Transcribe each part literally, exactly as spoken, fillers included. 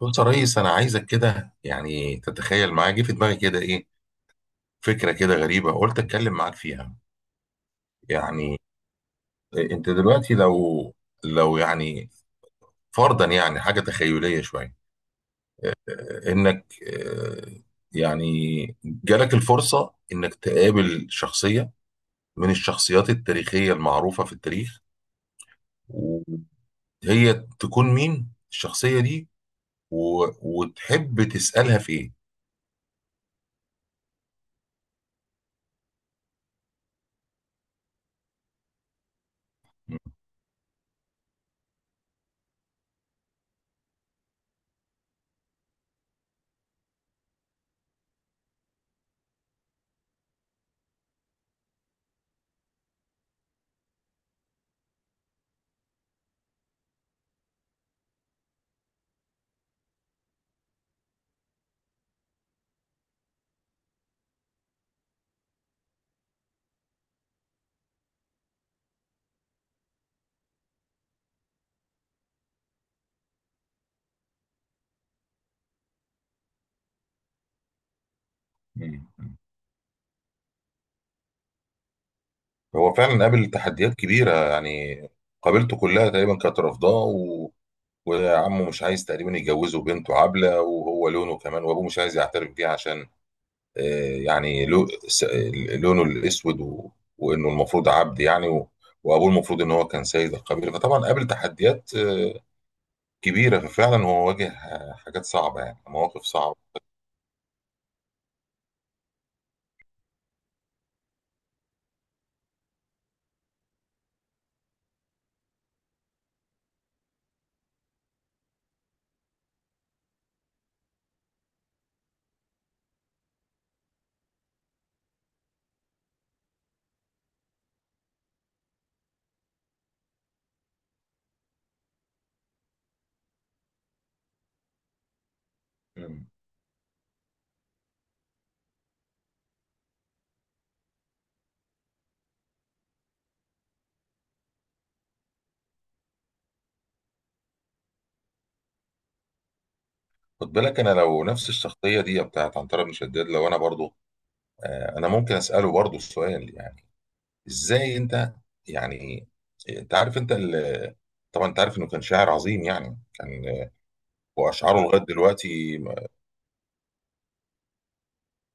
بص يا ريس، انا عايزك كده. يعني تتخيل معايا جه في دماغي كده ايه، فكره كده غريبه، قلت اتكلم معاك فيها. يعني انت دلوقتي لو لو يعني فرضا، يعني حاجه تخيليه شويه، انك آه، يعني جالك الفرصه انك تقابل شخصيه من الشخصيات التاريخيه المعروفه في التاريخ، وهي تكون مين الشخصيه دي، و- وتحب تسالها في ايه. هو فعلا قابل تحديات كبيرة، يعني قابلته كلها تقريبا كانت رافضاه و... وعمه مش عايز تقريبا يجوزه بنته عبلة، وهو لونه كمان، وابوه مش عايز يعترف بيه عشان آه، يعني لو... س- لونه الاسود و... وانه المفروض عبد، يعني و... وابوه المفروض ان هو كان سيد القبيلة. فطبعا قابل تحديات آه، كبيرة. ففعلا هو واجه حاجات صعبة، يعني مواقف صعبة. مم. خد بالك، انا لو نفس الشخصية دي بتاعت عنترة بن شداد، لو انا برضو آه، انا ممكن اسأله برضو السؤال، يعني ازاي انت، يعني انت عارف انت ال... طبعا انت عارف انه كان شاعر عظيم، يعني كان واشعاره لغايه دلوقتي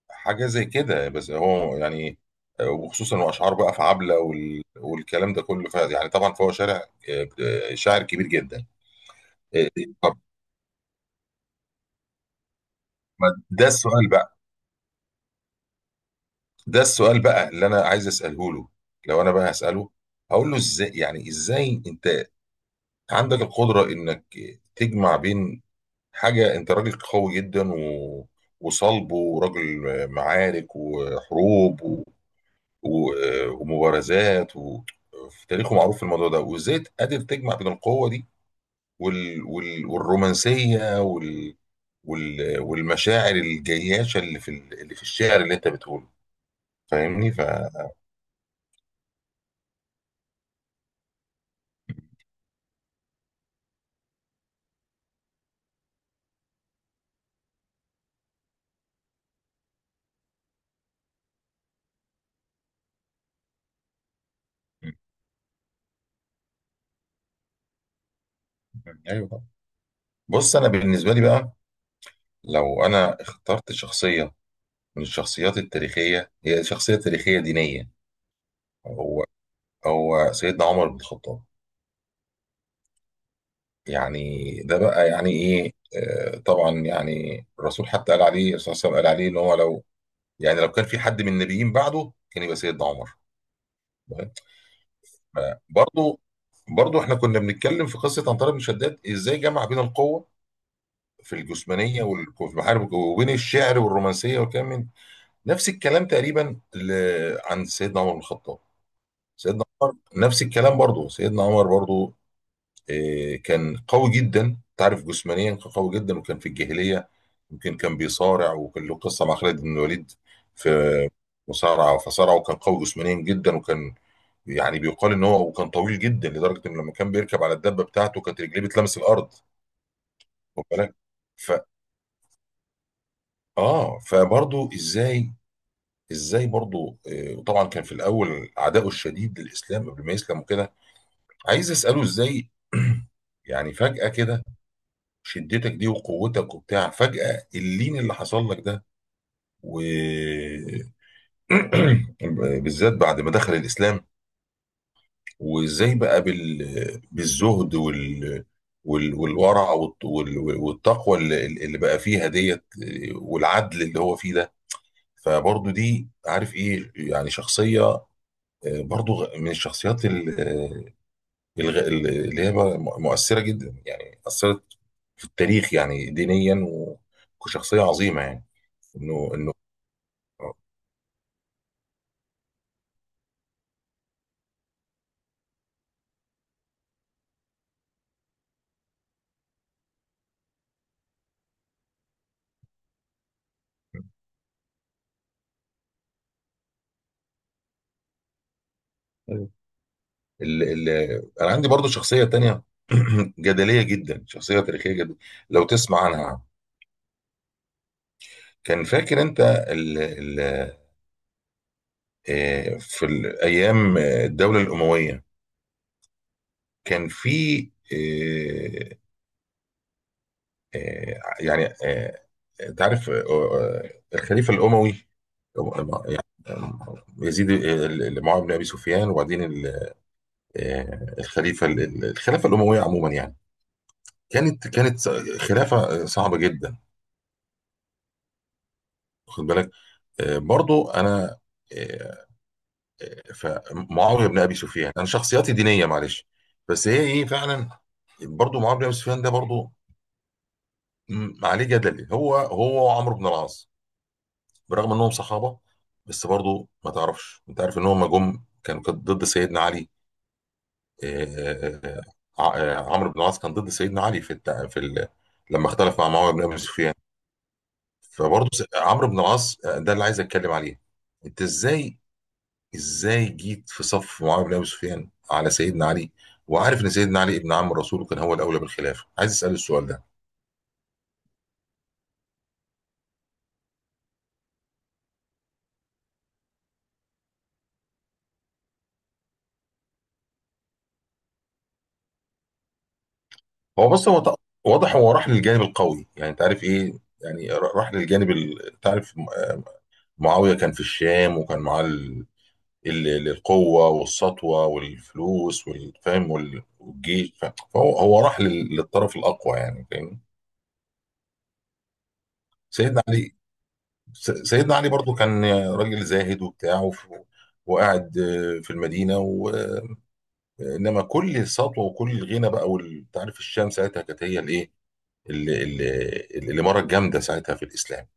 حاجه زي كده. بس هو يعني وخصوصا واشعار بقى في عبله وال... والكلام ده كله، ف... يعني طبعا فهو شاعر شاعر كبير جدا. طب، ما ده السؤال بقى. ده السؤال بقى اللي انا عايز اساله له. لو انا بقى هساله، هقول له ازاي، يعني ازاي انت عندك القدره انك تجمع بين حاجة انت راجل قوي جدا و... وصلب، وراجل معارك وحروب و... و... ومبارزات و... في تاريخه معروف في الموضوع ده، وازاي قادر تجمع بين القوة دي وال... وال... والرومانسية وال... وال... والمشاعر الجياشة اللي في ال... اللي في الشعر اللي انت بتقوله. فاهمني؟ ف ايوه طبعا. بص، انا بالنسبة لي بقى، لو انا اخترت شخصية من الشخصيات التاريخية، هي شخصية تاريخية دينية، هو سيدنا عمر بن الخطاب. يعني ده بقى يعني ايه، آه، طبعا يعني الرسول حتى قال عليه، الرسول صلى الله عليه وسلم قال عليه ان هو لو، يعني لو كان في حد من النبيين بعده كان يبقى سيدنا عمر. برضه، برضه احنا كنا بنتكلم في قصه عنتر بن شداد ازاي جمع بين القوه في الجسمانيه والمحارب، وبين الشعر والرومانسيه والكلام. من نفس الكلام تقريبا ل- عن سيدنا عمر بن الخطاب. سيدنا عمر نفس الكلام برضه. سيدنا عمر برضه آه، كان قوي جدا، تعرف جسمانيا كان قوي جدا. وكان في الجاهلية يمكن كان بيصارع، وكان له قصة مع خالد بن الوليد في مصارعة، فصارع وكان قوي جسمانيا جدا. وكان يعني بيقال ان هو وكان طويل جدا، لدرجة ان لما كان بيركب على الدابة بتاعته كانت رجليه بتلمس الارض. واخد بالك. ف اه، فبرضه ازاي، ازاي برضه آه، وطبعا كان في الاول عداؤه الشديد للاسلام قبل ما يسلم وكده. عايز اساله ازاي، يعني فجأة كده شدتك دي وقوتك وبتاع، فجأة اللين اللي حصل لك ده و بالذات بعد ما دخل الإسلام. وإزاي بقى بال... بالزهد وال... وال... والورع والت... وال... والتقوى اللي... اللي بقى فيها ديت، والعدل اللي هو فيه ده. فبرضه دي عارف إيه، يعني شخصية آه، برضه غ- من الشخصيات الغ- ال- اللي هي بقى مؤ- مؤثرة جدا، يعني أثرت في التاريخ، يعني دينيا و- وكشخصية عظيمة يعني. إنه إنه أيوة. ال ال أنا عندي برضو شخصية تانية، جدلية جدا، شخصية تاريخية جدا لو تسمع عنها. كان فاكر أنت ال ال آه، في الأيام آه، الدولة الأموية. كان في آه، آه، يعني آه، انت عارف آه، آه، الخليفه الاموي آه، يعني آه، يزيد، آه، اللي معاويه بن ابي سفيان، وبعدين ال- آه، الخليفه ال- ال- الخلافه الامويه عموما يعني، كانت كانت خلافه صعبه جدا. واخد بالك. آه، برضو انا آه، آه، فمعاويه بن ابي سفيان، انا شخصياتي دينيه معلش بس هي ايه فعلا. برضو معاويه بن ابي سفيان ده برضو م- عليه جدل، هو هو وعمرو بن العاص، برغم انهم صحابه، بس برضو ما تعرفش، انت عارف ان هم جم كانوا، كانت ضد سيدنا علي. آه، ع- آه، عمرو بن العاص كان ضد سيدنا علي في التع... في ال... لما اختلف مع معاويه بن ابي سفيان. فبرضو س- عمرو بن العاص آه، ده اللي عايز اتكلم عليه. انت ازاي، ازاي جيت في صف معاويه بن ابي سفيان على سيدنا علي، وعارف ان سيدنا علي ابن عم الرسول وكان هو الاولى بالخلافه؟ عايز اسال السؤال ده. هو بص، هو ط- واضح هو راح للجانب القوي، يعني انت عارف ايه، يعني ر- راح للجانب ال- تعرف معاوية كان في الشام، وكان معاه ال- ال- ال- القوة والسطوة والفلوس والفهم وال- والجيش، ف- فهو هو راح لل- للطرف الأقوى، يعني فاهمني. سيدنا علي، س- سيدنا علي برضو كان راجل زاهد وبتاع وف- وقاعد آه، في المدينة و- انما كل السطوة وكل الغنى بقى وال- أنت عارف الشام ساعتها كانت هي الايه، ال- ال- الإمارة الجامدة ساعتها في الإسلام.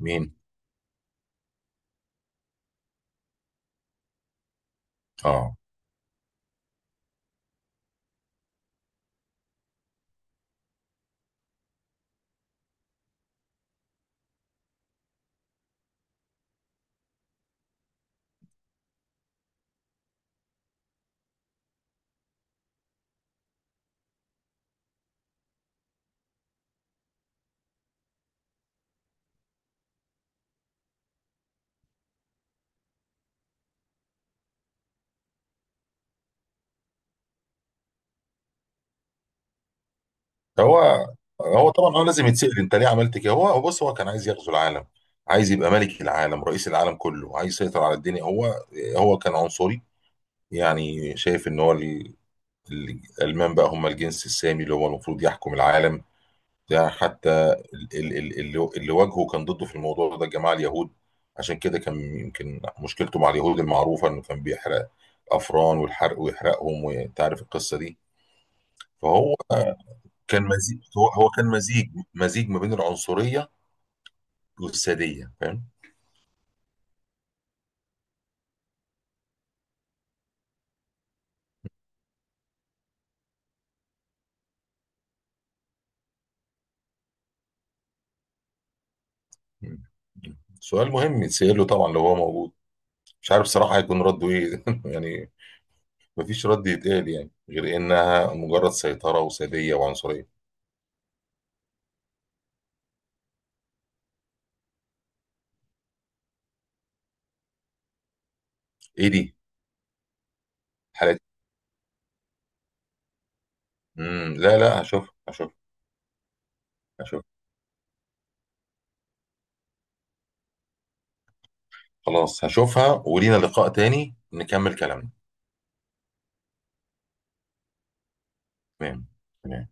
مين؟ اه، هو هو طبعا هو لازم يتسأل انت ليه عملت كده. هو هو بص، هو كان عايز يغزو العالم، عايز يبقى ملك العالم، رئيس العالم كله، عايز يسيطر على الدنيا. هو هو كان عنصري، يعني شايف ان هو ال- ال- الالمان بقى هم الجنس السامي، اللي هو المفروض يحكم العالم. ده حتى ال- ال- ال- اللي اللي واجهه كان ضده في الموضوع ده الجماعه اليهود، عشان كده كان يمكن مشكلته مع اليهود المعروفه انه كان بيحرق الافران والحرق ويحرقهم، وانت عارف القصه دي. فهو كان مزيج، هو هو كان مزيج، مزيج ما بين العنصرية والسادية، فاهم. مم. سؤال مهم يتسأل له طبعا لو هو موجود. مش عارف صراحة هيكون رده ايه يعني. مفيش رد يتقال يعني غير انها مجرد سيطرة وسادية وعنصرية. ايه دي حالات. مم. لا لا هشوفها، هشوفها هشوفها خلاص. هشوفها ولينا لقاء تاني نكمل كلامنا. تمام. تمام